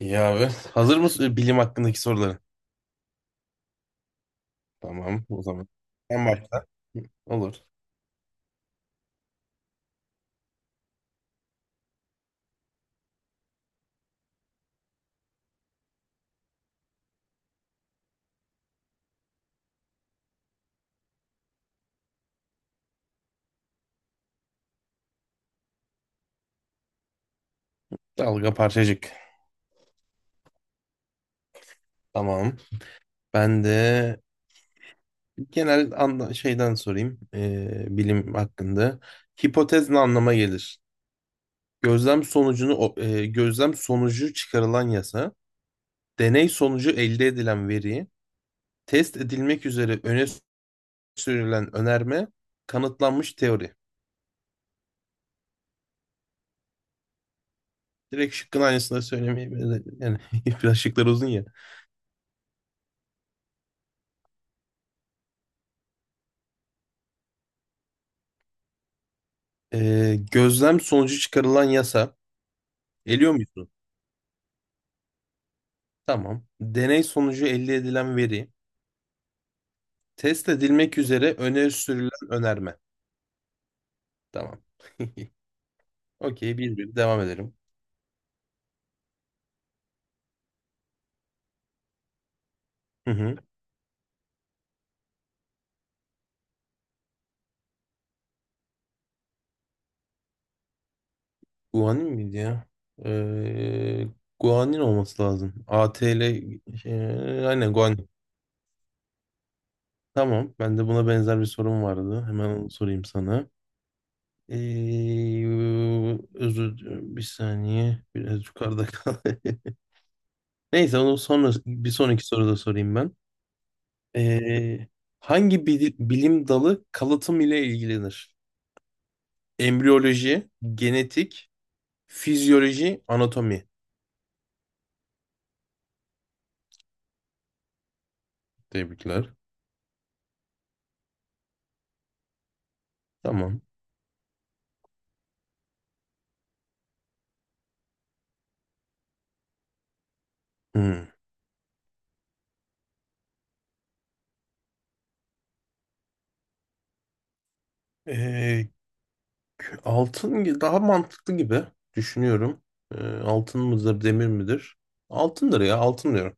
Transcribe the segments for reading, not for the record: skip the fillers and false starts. İyi abi. Hazır mısın bilim hakkındaki soruları? Tamam o zaman. Sen başla. Olur. Dalga parçacık. Tamam. Ben de genel anla şeyden sorayım. Bilim hakkında. Hipotez ne anlama gelir? Gözlem sonucunu gözlem sonucu çıkarılan yasa, deney sonucu elde edilen veri, test edilmek üzere öne sürülen önerme, kanıtlanmış teori. Direkt şıkkın aynısını söylemeye yani, biraz şıklar uzun ya. Gözlem sonucu çıkarılan yasa. Eliyor musun? Tamam. Deney sonucu elde edilen veri. Test edilmek üzere öne sürülen önerme. Tamam. Okey, bir bir devam edelim. Hı hı. Guanin miydi ya? Ee, Guanin olması lazım. A ATL şey, aynen guanin. Tamam. Ben de buna benzer bir sorum vardı. Hemen onu sorayım sana. Ee, Özür, bir saniye. Biraz yukarıda kal. Neyse, onu sonra bir sonraki soruda sorayım ben. Ee, Hangi bilim dalı kalıtım ile ilgilenir? Embriyoloji, genetik, fizyoloji, anatomi. Tebrikler. Tamam. Hmm. Ee, Altın daha mantıklı gibi düşünüyorum. Altın mıdır, demir midir? Altındır ya, altın diyorum.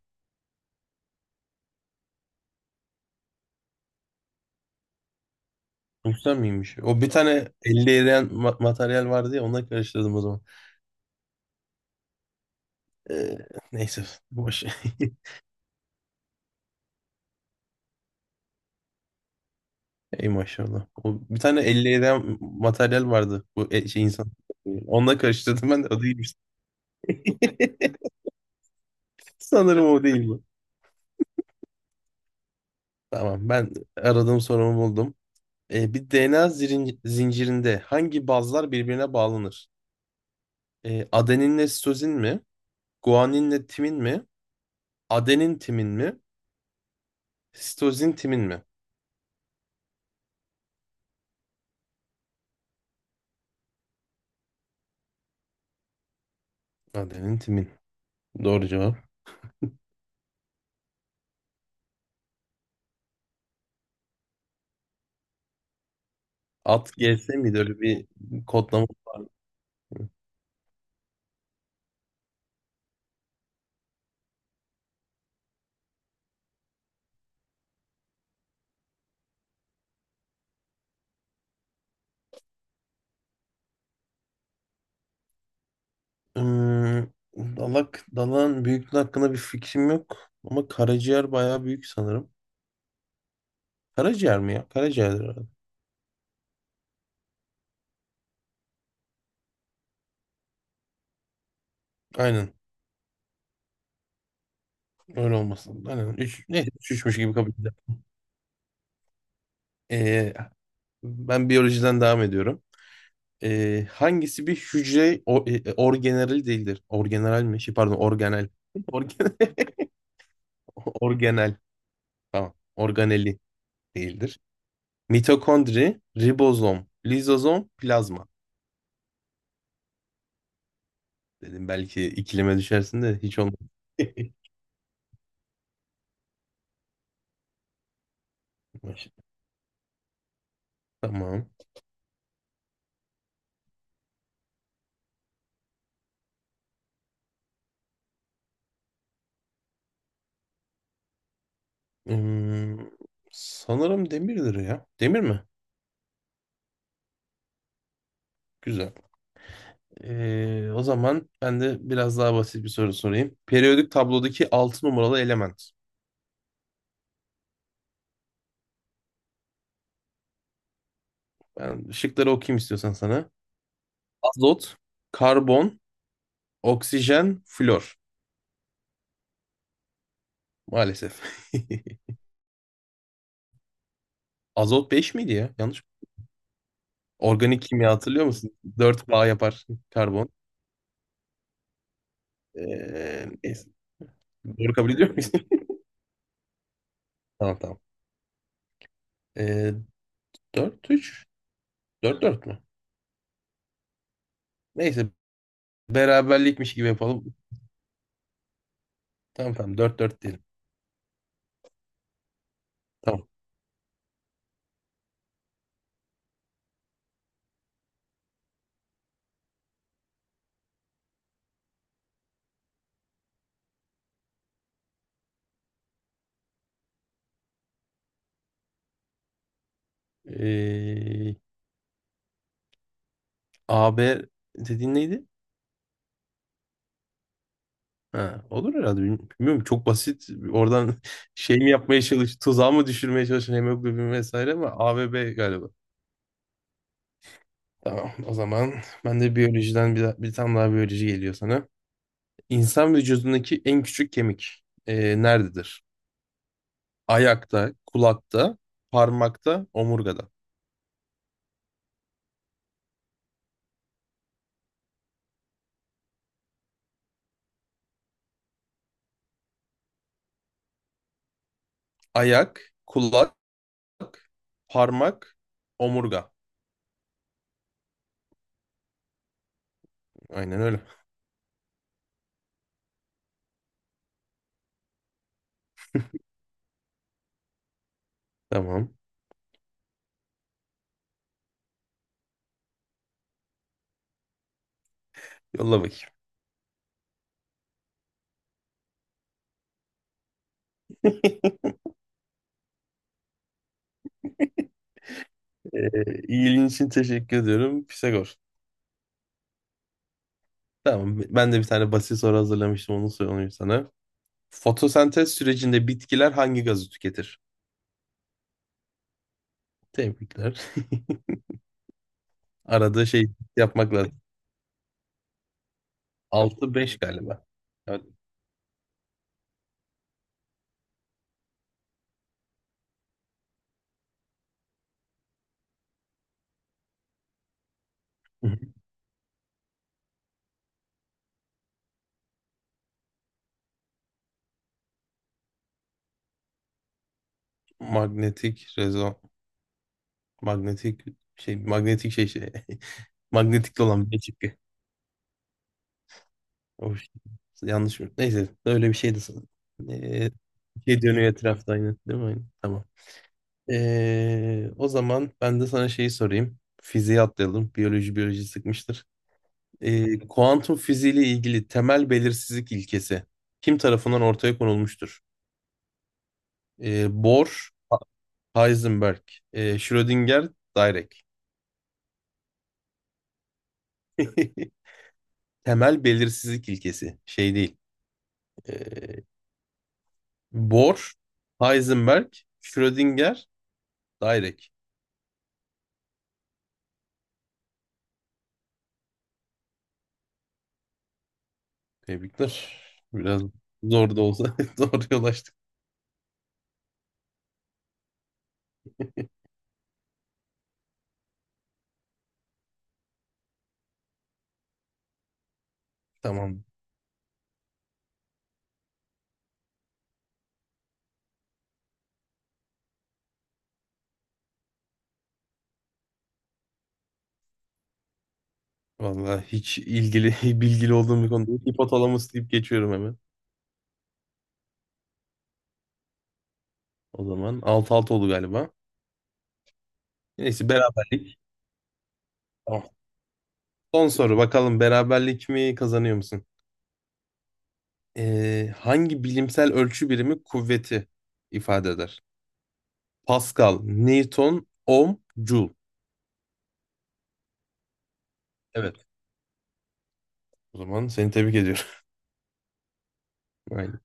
Güzel miymiş? O bir tane 50 eriyen materyal vardı ya, ona karıştırdım o zaman. Ee, Neyse, boş. Ey maşallah. O, bir tane elli eden materyal vardı bu şey insan. Onunla karıştırdım ben de, o değilmiş. Sanırım o değil bu. Tamam, ben aradığım sorumu buldum. Bir DNA zincirinde hangi bazlar birbirine bağlanır? Adeninle sitozin mi? Guaninle timin mi? Adenin timin mi? Sitozin timin mi? Adenin timin. Doğru cevap. At gelse miydi öyle bir kodlama? Ee, Dalak, dalağın büyüklüğü hakkında bir fikrim yok. Ama karaciğer bayağı büyük sanırım. Karaciğer mi ya? Karaciğerdir herhalde. Aynen. Öyle olmasın. Aynen. Üç, neyse üç, üçmüş gibi kabul edelim. Ee, Ben biyolojiden devam ediyorum. Hangisi bir hücre orgeneral değildir? Orgeneral mi? Şey, pardon, organel. Organel. Organel. Tamam. Organeli değildir. Mitokondri, ribozom, lizozom, plazma. Dedim belki ikileme düşersin de hiç olmadı. Baş- Tamam. Hmm, sanırım demirdir ya. Demir mi? Güzel. O zaman ben de biraz daha basit bir soru sorayım. Periyodik tablodaki 6 numaralı element. Ben şıkları okuyayım istiyorsan sana. Azot, karbon, oksijen, flor. Maalesef. Azot 5 miydi ya? Yanlış. Organik kimya hatırlıyor musun? 4 bağ yapar karbon. Neyse. Doğru kabul ediyor muyuz? Tamam, tamam. Ee, Dört 3, 4-4 mü? Neyse, beraberlikmiş gibi yapalım. Tamam, tamam, dört dört diyelim. Tamam. Ee, A B dediğin neydi? Ha, olur herhalde. Bilmiyorum, bilmiyorum, çok basit. Oradan şey mi yapmaya çalış, tuzağı mı düşürmeye çalışan hemoglobin vesaire, ama A ve B galiba. Tamam, o zaman ben de biyolojiden bir tane daha biyoloji geliyor sana. İnsan vücudundaki en küçük kemik nerededir? Ayakta, kulakta, parmakta, omurgada. Ayak, kulak, parmak, omurga. Aynen öyle. Tamam. Yolla bakayım. İlgin için teşekkür ediyorum. Pisagor. Tamam. Ben de bir tane basit soru hazırlamıştım. Onu sorayım sana. Fotosentez sürecinde bitkiler hangi gazı tüketir? Tebrikler. Arada şey yapmak lazım. Altı beş galiba. Evet. Magnetik rezon. Magnetik şey. Magnetik şey. Magnetikli olan bir çıktı. O şey. Yanlış mı? Neyse. Öyle bir şeydi sanırım. Ee, Şey dönüyor etrafta aynı. Değil mi? Aynen. Tamam. O zaman ben de sana şeyi sorayım. Fiziğe atlayalım. Biyoloji biyoloji sıkmıştır. Kuantum fiziği ile ilgili temel belirsizlik ilkesi kim tarafından ortaya konulmuştur? Bohr, Heisenberg, Schrödinger, Dirac. Temel belirsizlik ilkesi şey değil. Ee, Bohr, Heisenberg, Schrödinger, Dirac. Tebrikler. Biraz zor da olsa doğru yol açtık. Tamam. Vallahi hiç bilgili olduğum bir konu değil. Hipotalamus deyip geçiyorum hemen. O zaman 6-6 oldu galiba. Neyse, beraberlik. Tamam. Son soru, bakalım beraberlik mi kazanıyor musun? Hangi bilimsel ölçü birimi kuvveti ifade eder? Pascal, Newton, ohm, joule. Evet. O zaman seni tebrik ediyorum. Aynen.